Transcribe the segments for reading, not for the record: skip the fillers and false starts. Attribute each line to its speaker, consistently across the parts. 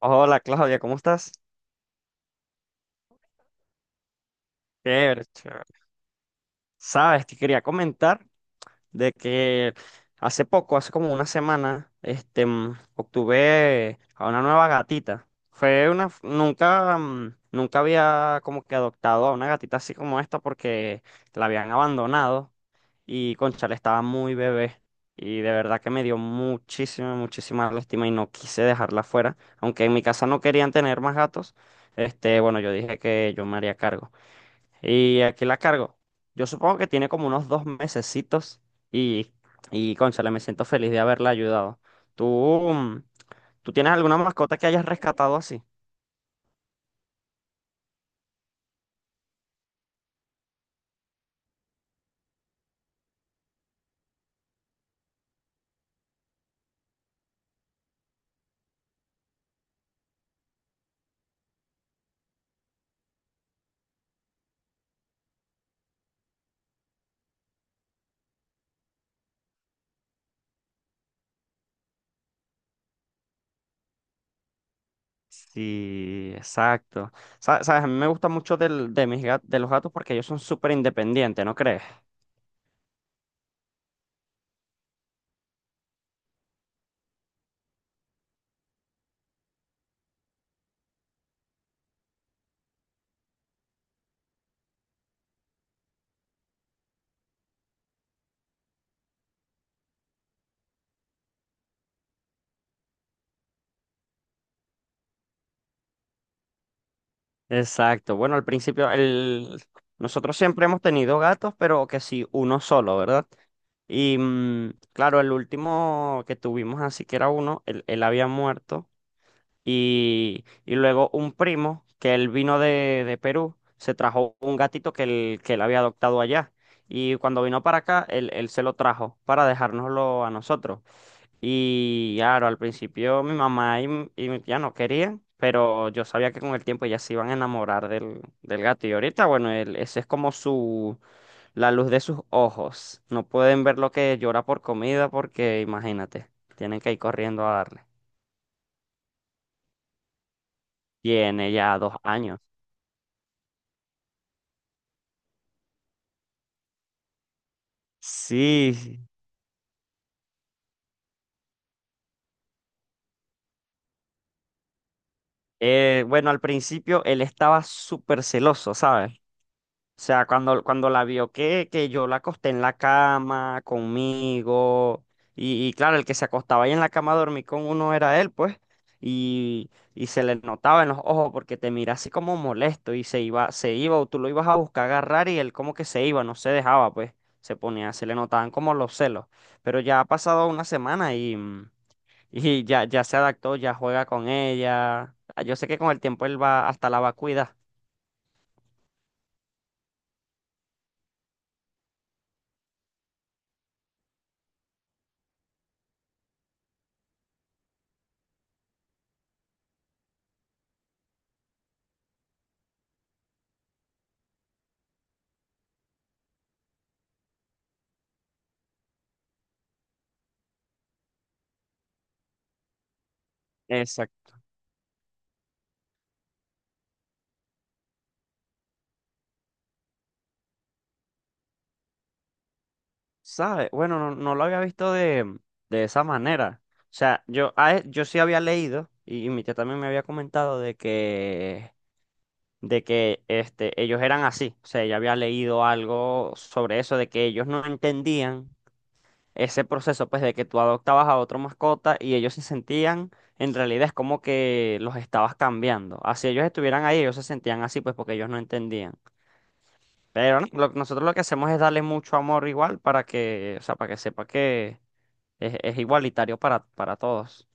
Speaker 1: Hola Claudia, ¿cómo estás? Chévere, chévere. Sabes, te quería comentar de que hace poco, hace como una semana, obtuve a una nueva gatita. Nunca, nunca había como que adoptado a una gatita así como esta porque la habían abandonado y cónchale, estaba muy bebé y de verdad que me dio muchísima, muchísima lástima y no quise dejarla fuera, aunque en mi casa no querían tener más gatos, bueno, yo dije que yo me haría cargo. Y aquí la cargo. Yo supongo que tiene como unos dos mesecitos y, y cónchale, me siento feliz de haberla ayudado. ¿Tú, mm, tú tienes alguna mascota que hayas rescatado así? Sí, exacto. Sabes, a mí me gusta mucho de de los gatos porque ellos son súper independientes, ¿no crees? Exacto. Bueno, al principio, nosotros siempre hemos tenido gatos, pero que sí, uno solo, ¿verdad? Y claro, el último que tuvimos así que era uno, él había muerto. Y luego un primo, que él vino de Perú, se trajo un gatito que él había adoptado allá. Y cuando vino para acá, él se lo trajo para dejárnoslo a nosotros. Y claro, al principio mi mamá y mi tía no querían, pero yo sabía que con el tiempo ellas se iban a enamorar del gato. Y ahorita, bueno, ese es como su, la luz de sus ojos. No pueden ver lo que llora por comida porque, imagínate, tienen que ir corriendo a darle. Tiene ya dos años. Sí, bueno, al principio él estaba súper celoso, ¿sabes? O sea, cuando la vio que yo la acosté en la cama conmigo, y claro, el que se acostaba ahí en la cama a dormir con uno era él, pues, y se le notaba en los ojos porque te mira así como molesto y se iba o tú lo ibas a buscar agarrar y él como que se iba, no se dejaba, pues, se ponía, se le notaban como los celos. Pero ya ha pasado una semana y y ya, ya se adaptó, ya juega con ella. Ah, yo sé que con el tiempo él va hasta la va a cuidar. Exacto. ¿Sabe? Bueno, no, no lo había visto de esa manera. O sea, yo sí había leído, y mi tía también me había comentado de que ellos eran así. O sea, ella había leído algo sobre eso, de que ellos no entendían ese proceso, pues, de que tú adoptabas a otra mascota y ellos se sentían, en realidad es como que los estabas cambiando. Así ellos estuvieran ahí, ellos se sentían así, pues, porque ellos no entendían. Pero no, nosotros lo que hacemos es darle mucho amor igual para que, o sea, para que sepa que es igualitario para todos.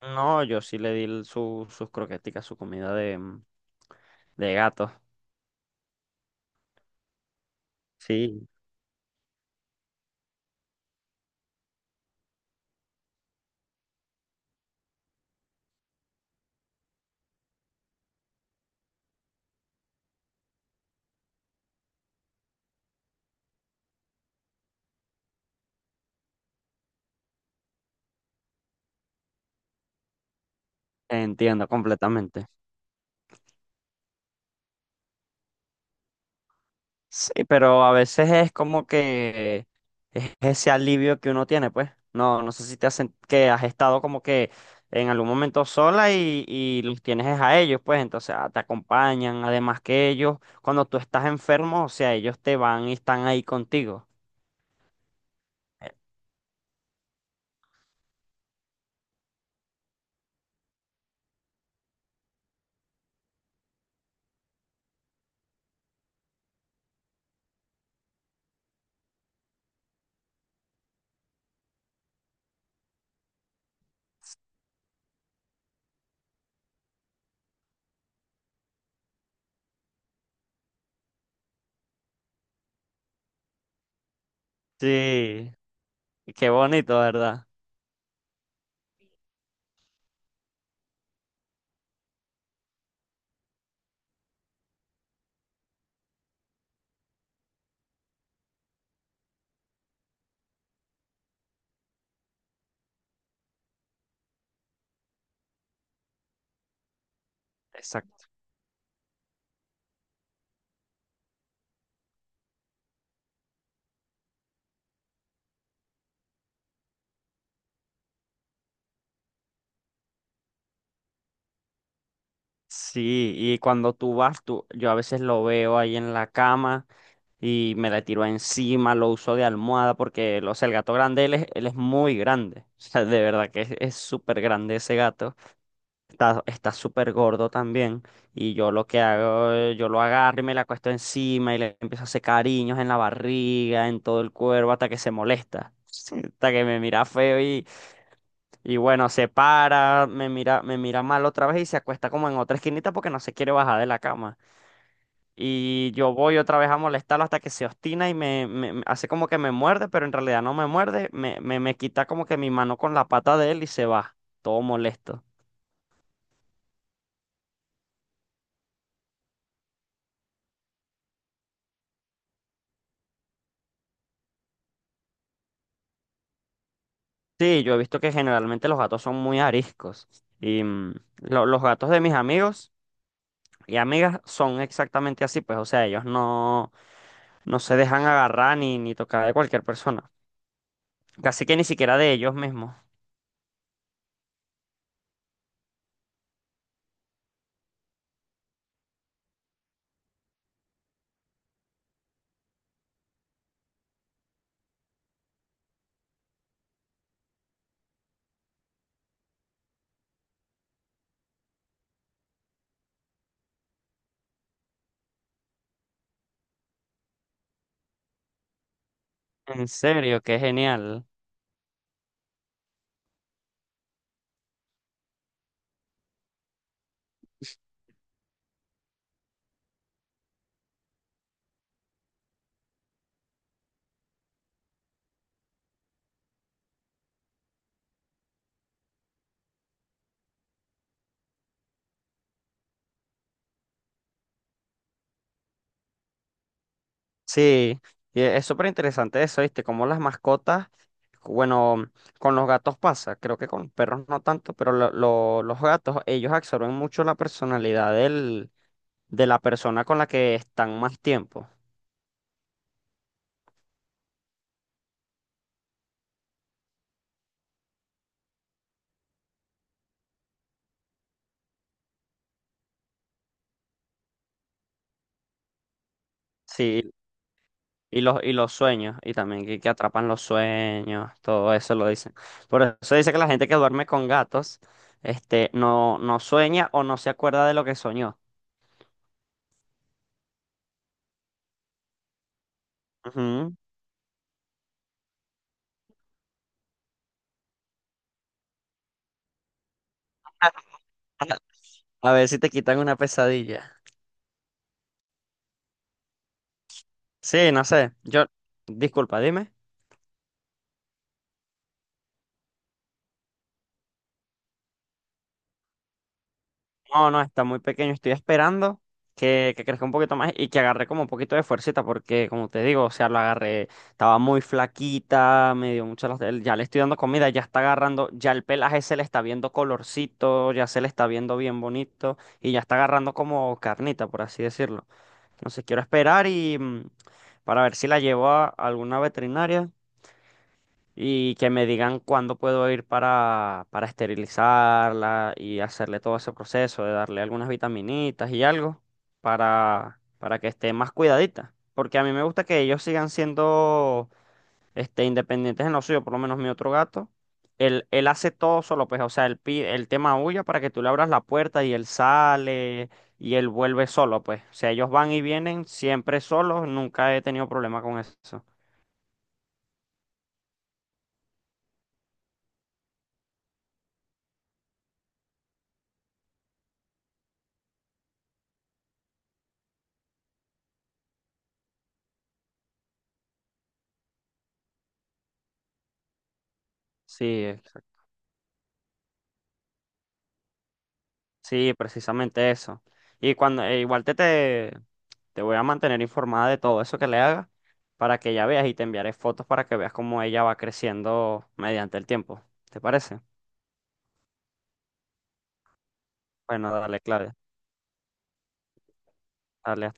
Speaker 1: No, yo sí le di su, sus croqueticas, su comida de gato. Sí. Entiendo completamente. Sí, pero a veces es como que es ese alivio que uno tiene, pues. No, no sé si te hacen que has estado como que en algún momento sola y los tienes es a ellos, pues. Entonces ah, te acompañan, además que ellos, cuando tú estás enfermo, o sea, ellos te van y están ahí contigo. Eh, Sí, y qué bonito, ¿verdad? Exacto. Sí, y cuando tú vas, tú, yo a veces lo veo ahí en la cama, y me la tiró encima, lo usó de almohada porque, o sea, el gato grande, él es muy grande. O sea, de verdad que es súper grande ese gato. Está, está súper gordo también. Y yo lo que hago, yo lo agarro y me la acuesto encima y le empiezo a hacer cariños en la barriga, en todo el cuerpo, hasta que se molesta. Hasta que me mira feo y bueno, se para, me mira mal otra vez y se acuesta como en otra esquinita porque no se quiere bajar de la cama. Y yo voy otra vez a molestarlo hasta que se obstina y me hace como que me muerde, pero en realidad no me muerde, me quita como que mi mano con la pata de él y se va, todo molesto. Sí, yo he visto que generalmente los gatos son muy ariscos y los gatos de mis amigos y amigas son exactamente así, pues, o sea, ellos no, no se dejan agarrar ni, ni tocar de cualquier persona, casi que ni siquiera de ellos mismos. En serio, qué genial. Sí, y es súper interesante eso, ¿viste? Como las mascotas, bueno, con los gatos pasa, creo que con los perros no tanto, pero los gatos, ellos absorben mucho la personalidad de la persona con la que están más tiempo. Sí, y los sueños, y también que atrapan los sueños, todo eso lo dicen. Por eso dice que la gente que duerme con gatos, no, no sueña o no se acuerda de lo que soñó. Ujú. A ver si te quitan una pesadilla. Sí, no sé. Yo, disculpa, dime. No, no, está muy pequeño. Estoy esperando que crezca un poquito más y que agarre como un poquito de fuercita, porque como te digo, o sea, lo agarré, estaba muy flaquita, me dio mucho las... Ya le estoy dando comida, ya está agarrando, ya el pelaje se le está viendo colorcito, ya se le está viendo bien bonito y ya está agarrando como carnita, por así decirlo. Entonces quiero esperar y para ver si la llevo a alguna veterinaria y que me digan cuándo puedo ir para esterilizarla y hacerle todo ese proceso de darle algunas vitaminitas y algo para que esté más cuidadita. Porque a mí me gusta que ellos sigan siendo independientes en lo suyo, por lo menos mi otro gato. Él hace todo solo, pues, o sea, él te maulla para que tú le abras la puerta y él sale y él vuelve solo, pues. O sea, ellos van y vienen siempre solos, nunca he tenido problema con eso. Sí, sí, precisamente eso. Y cuando e igual te te voy a mantener informada de todo eso que le haga para que ya veas y te enviaré fotos para que veas cómo ella va creciendo mediante el tiempo. ¿Te parece? Bueno, dale, Claudia. Dale.